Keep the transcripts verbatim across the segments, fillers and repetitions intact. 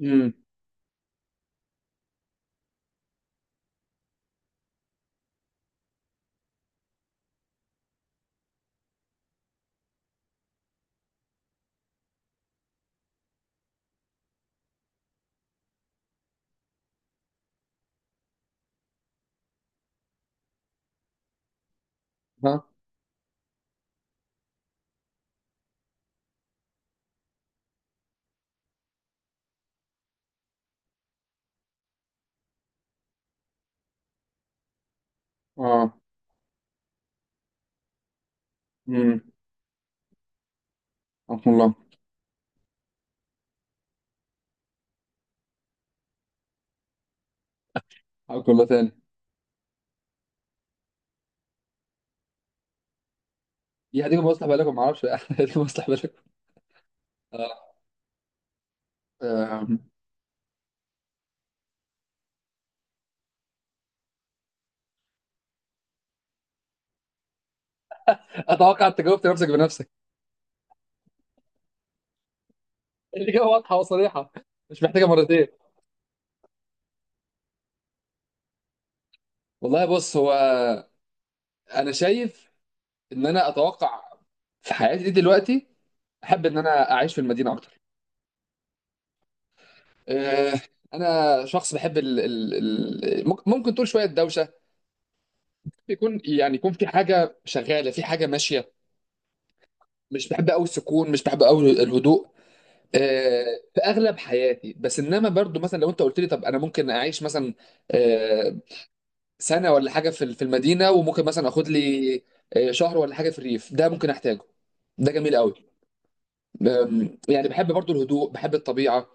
امم. ها. اه. امم. رحم الله. حياكم الله تاني. دي هتيجي مصلح بالكم، ما اعرفش هتيجي مصلح بالكم. اه. آم. اتوقع انت جاوبت نفسك بنفسك. الاجابه واضحه وصريحه، مش محتاجه مرتين. والله، بص، هو انا شايف ان انا اتوقع في حياتي دي دلوقتي احب ان انا اعيش في المدينه اكتر. آه، انا شخص بحب ال ال ال ممكن ممكن تقول شويه دوشه، يكون يعني يكون في حاجه شغاله، في حاجه ماشيه. مش بحب قوي السكون، مش بحب قوي الهدوء. آه، في اغلب حياتي، بس انما برضو مثلا لو انت قلت لي طب انا ممكن اعيش مثلا آه، سنه ولا حاجه في ال- في المدينه، وممكن مثلا اخد لي آه، شهر ولا حاجه في الريف، ده ممكن احتاجه. ده جميل قوي. أم، يعني بحب برضو الهدوء، بحب الطبيعه،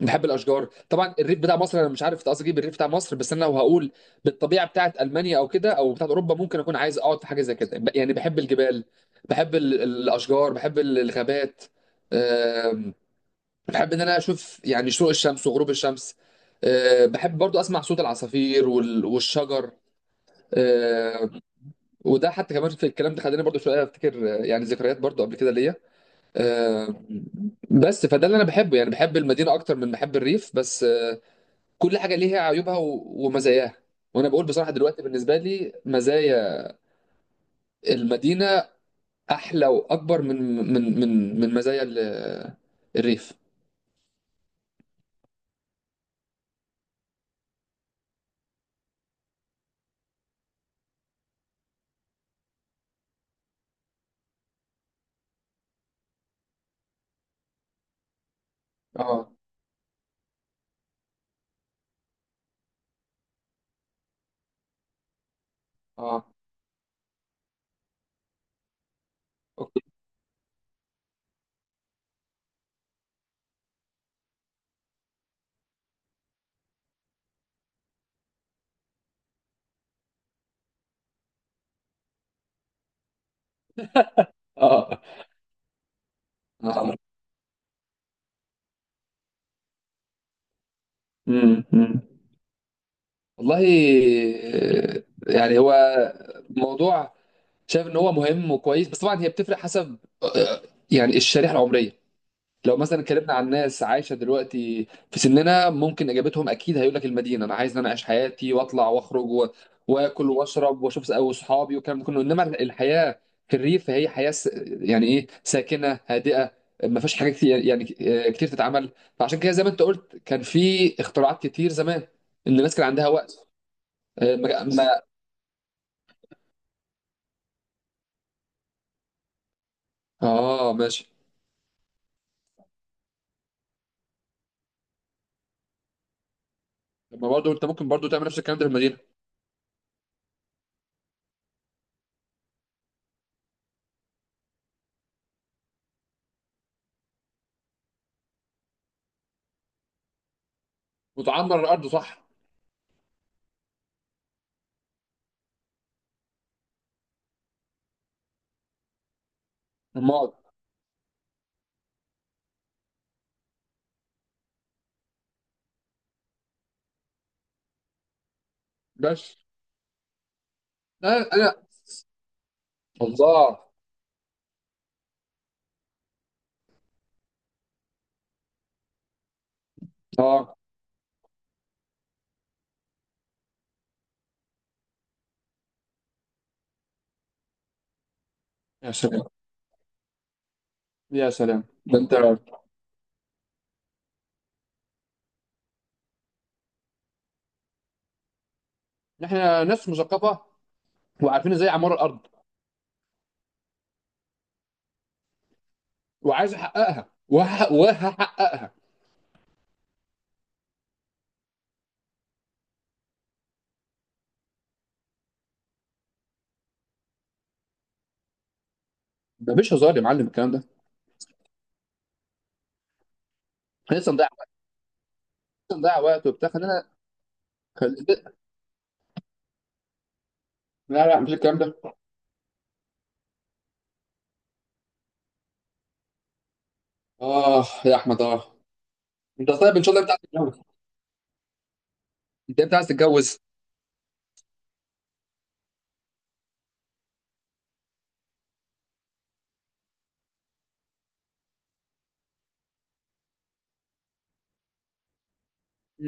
بحب الاشجار. طبعا الريف بتاع مصر، انا مش عارف قصدي اجيب الريف بتاع مصر، بس انا لو هقول بالطبيعه بتاعت المانيا او كده او بتاعت اوروبا، ممكن اكون عايز اقعد في حاجه زي كده. ب- يعني بحب الجبال، بحب ال- الاشجار، بحب ال- الغابات، بحب ان انا اشوف يعني شروق الشمس وغروب الشمس. أه، بحب برضو اسمع صوت العصافير وال- والشجر. أه، وده حتى كمان في الكلام ده خلاني برضو شويه افتكر آه، يعني ذكريات برضو قبل كده ليا. أه، بس فده اللي انا بحبه، يعني بحب المدينه اكتر من بحب الريف، بس أه كل حاجه ليها عيوبها و- ومزاياها. وانا بقول بصراحه دلوقتي بالنسبه لي مزايا المدينه احلى واكبر من من من من مزايا ال- الريف. اه. اه. اوكي. اه. آه. مم. مم. والله، آه، يعني هو موضوع شايف ان هو مهم وكويس، بس طبعا هي بتفرق حسب آه، يعني الشريحه العمريه. لو مثلا اتكلمنا عن ناس عايشه دلوقتي في سننا، ممكن اجابتهم اكيد هيقول لك المدينه. انا عايز ان انا اعيش حياتي واطلع واخرج و- واكل واشرب واشوف اصحابي والكلام ده كله. انما الحياه في الريف هي حياه س- يعني ايه، ساكنه هادئه، ما فيش حاجه كتير يعني آه، كتير تتعمل. فعشان كده زي ما انت قلت كان في اختراعات كتير زمان، ان الناس كان عندها وقت. آه، ما ما-. اه، ماشي. طب ما برضه انت ممكن برضه تعمل نفس الكلام ده في المدينه وتعمر الارض، صح. ما بس انا انا. الله. اه. يا سلام، يا سلام ده انت. احنا ناس مثقفه وعارفين ازاي اعمار الارض، وعايز احققها وهح- وهحققها. ده مش هزار يا معلم الكلام ده. احنا لسه نضيع لسه نضيع وقت وبتاع، خلينا. خل... لا لا، مش الكلام ده. اه يا احمد، اه. انت طيب ان شاء الله، انت عايز تتجوز؟ انت امتى عايز تتجوز؟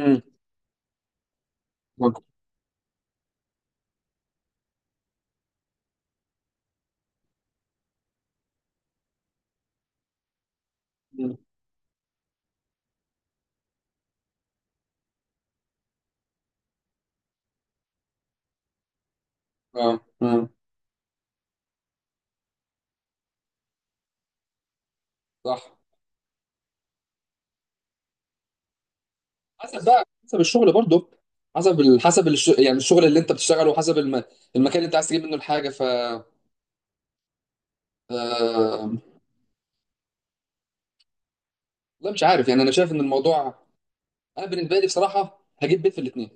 امم. أمم. اه. اه. صح. حسب بقى، حسب الشغل برضه. حسب ال... حسب الش... يعني الشغل اللي انت بتشتغله، وحسب الم... المكان اللي انت عايز تجيب منه الحاجه. ف آه، والله مش عارف، يعني انا شايف ان الموضوع انا بالنسبه لي بصراحه هجيب بيت في الاثنين.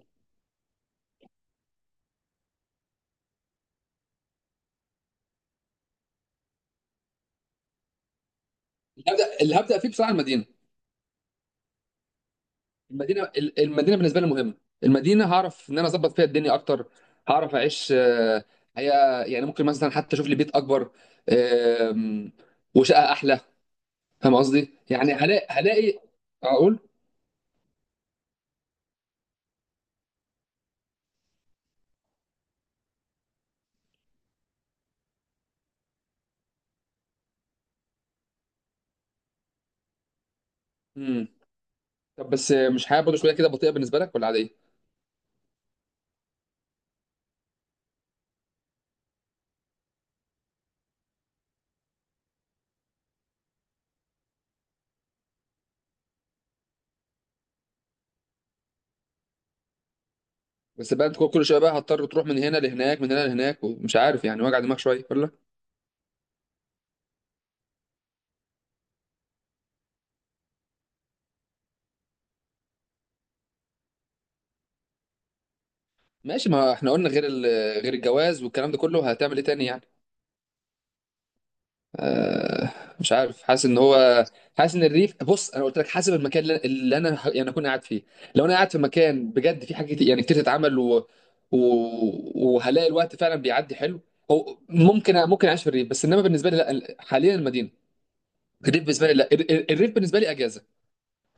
اللي هبدا اللي هبدا فيه بصراحه المدينه. المدينه ال- المدينه بالنسبه لي مهمه. المدينه هعرف ان انا اظبط فيها الدنيا اكتر، هعرف اعيش آه، حياه. يعني ممكن مثلا حتى اشوف لي بيت اكبر، آم، وشقه احلى. فاهم قصدي؟ يعني هلاقي هلاقي اقول. امم. طب بس مش حياه برضه شويه كده بطيئه بالنسبه لك ولا عاديه؟ بس بقى انت كل كل شويه بقى هتضطر تروح من هنا لهناك، من هنا لهناك، ومش عارف، يعني وجع دماغ شويه ولا؟ ماشي، ما احنا قلنا غير ال... غير الجواز والكلام ده كله، هتعمل ايه تاني يعني؟ آه، مش عارف، حاسس ان هو، حاسس ان الريف، بص انا قلت لك حسب المكان اللي اللي انا ه- يعني اكون قاعد فيه. لو انا قاعد في مكان بجد، في حاجه كتير- يعني كتير تتعمل و... و... وهلاقي الوقت فعلا بيعدي حلو. أو ممكن ممكن اعيش في الريف، بس انما بالنسبه لي لا، حاليا المدينه. الريف بالنسبه لي لا، ال- ال- الريف بالنسبه لي اجازه.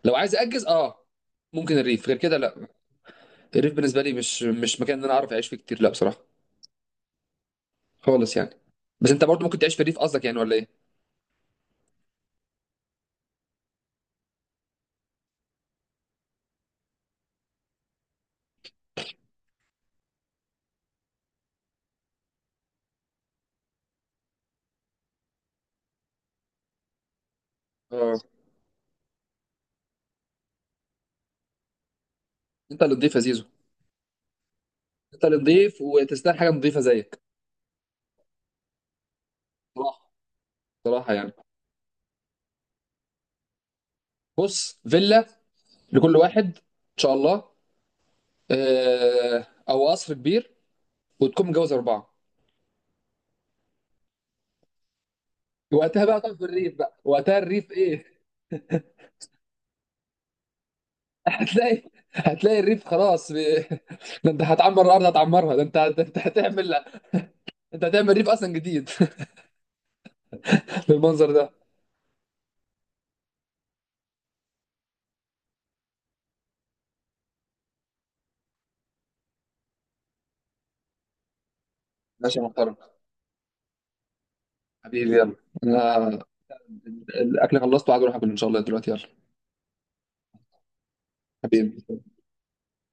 لو عايز اجز اه، ممكن الريف غير كده لا. الريف بالنسبه لي مش مش مكان ان انا اعرف اعيش فيه كتير، لا بصراحه خالص يعني. بس انت برضو ممكن تعيش في الريف قصدك يعني ولا ايه؟ اه. انت اللي نضيف يا زيزو. انت اللي نضيف وتستاهل حاجه نضيفه زيك. صراحه، صراحه يعني. بص، فيلا لكل واحد ان شاء الله. اه، او قصر كبير، وتكون متجوز اربعه. وقتها بقى تقف في الريف، بقى وقتها الريف ايه. هتلاقي هتلاقي الريف خلاص ب... ده انت هتعمر الارض، هتعمرها، ده انت ده انت هتعمل، انت هتعمل ريف اصلا جديد، بالمنظر ده. ماشي يا محترم. حبيبي يلا. انا الاكل خلصته وعايز اروح اكل ان شاء الله دلوقتي. يلا حبيبي.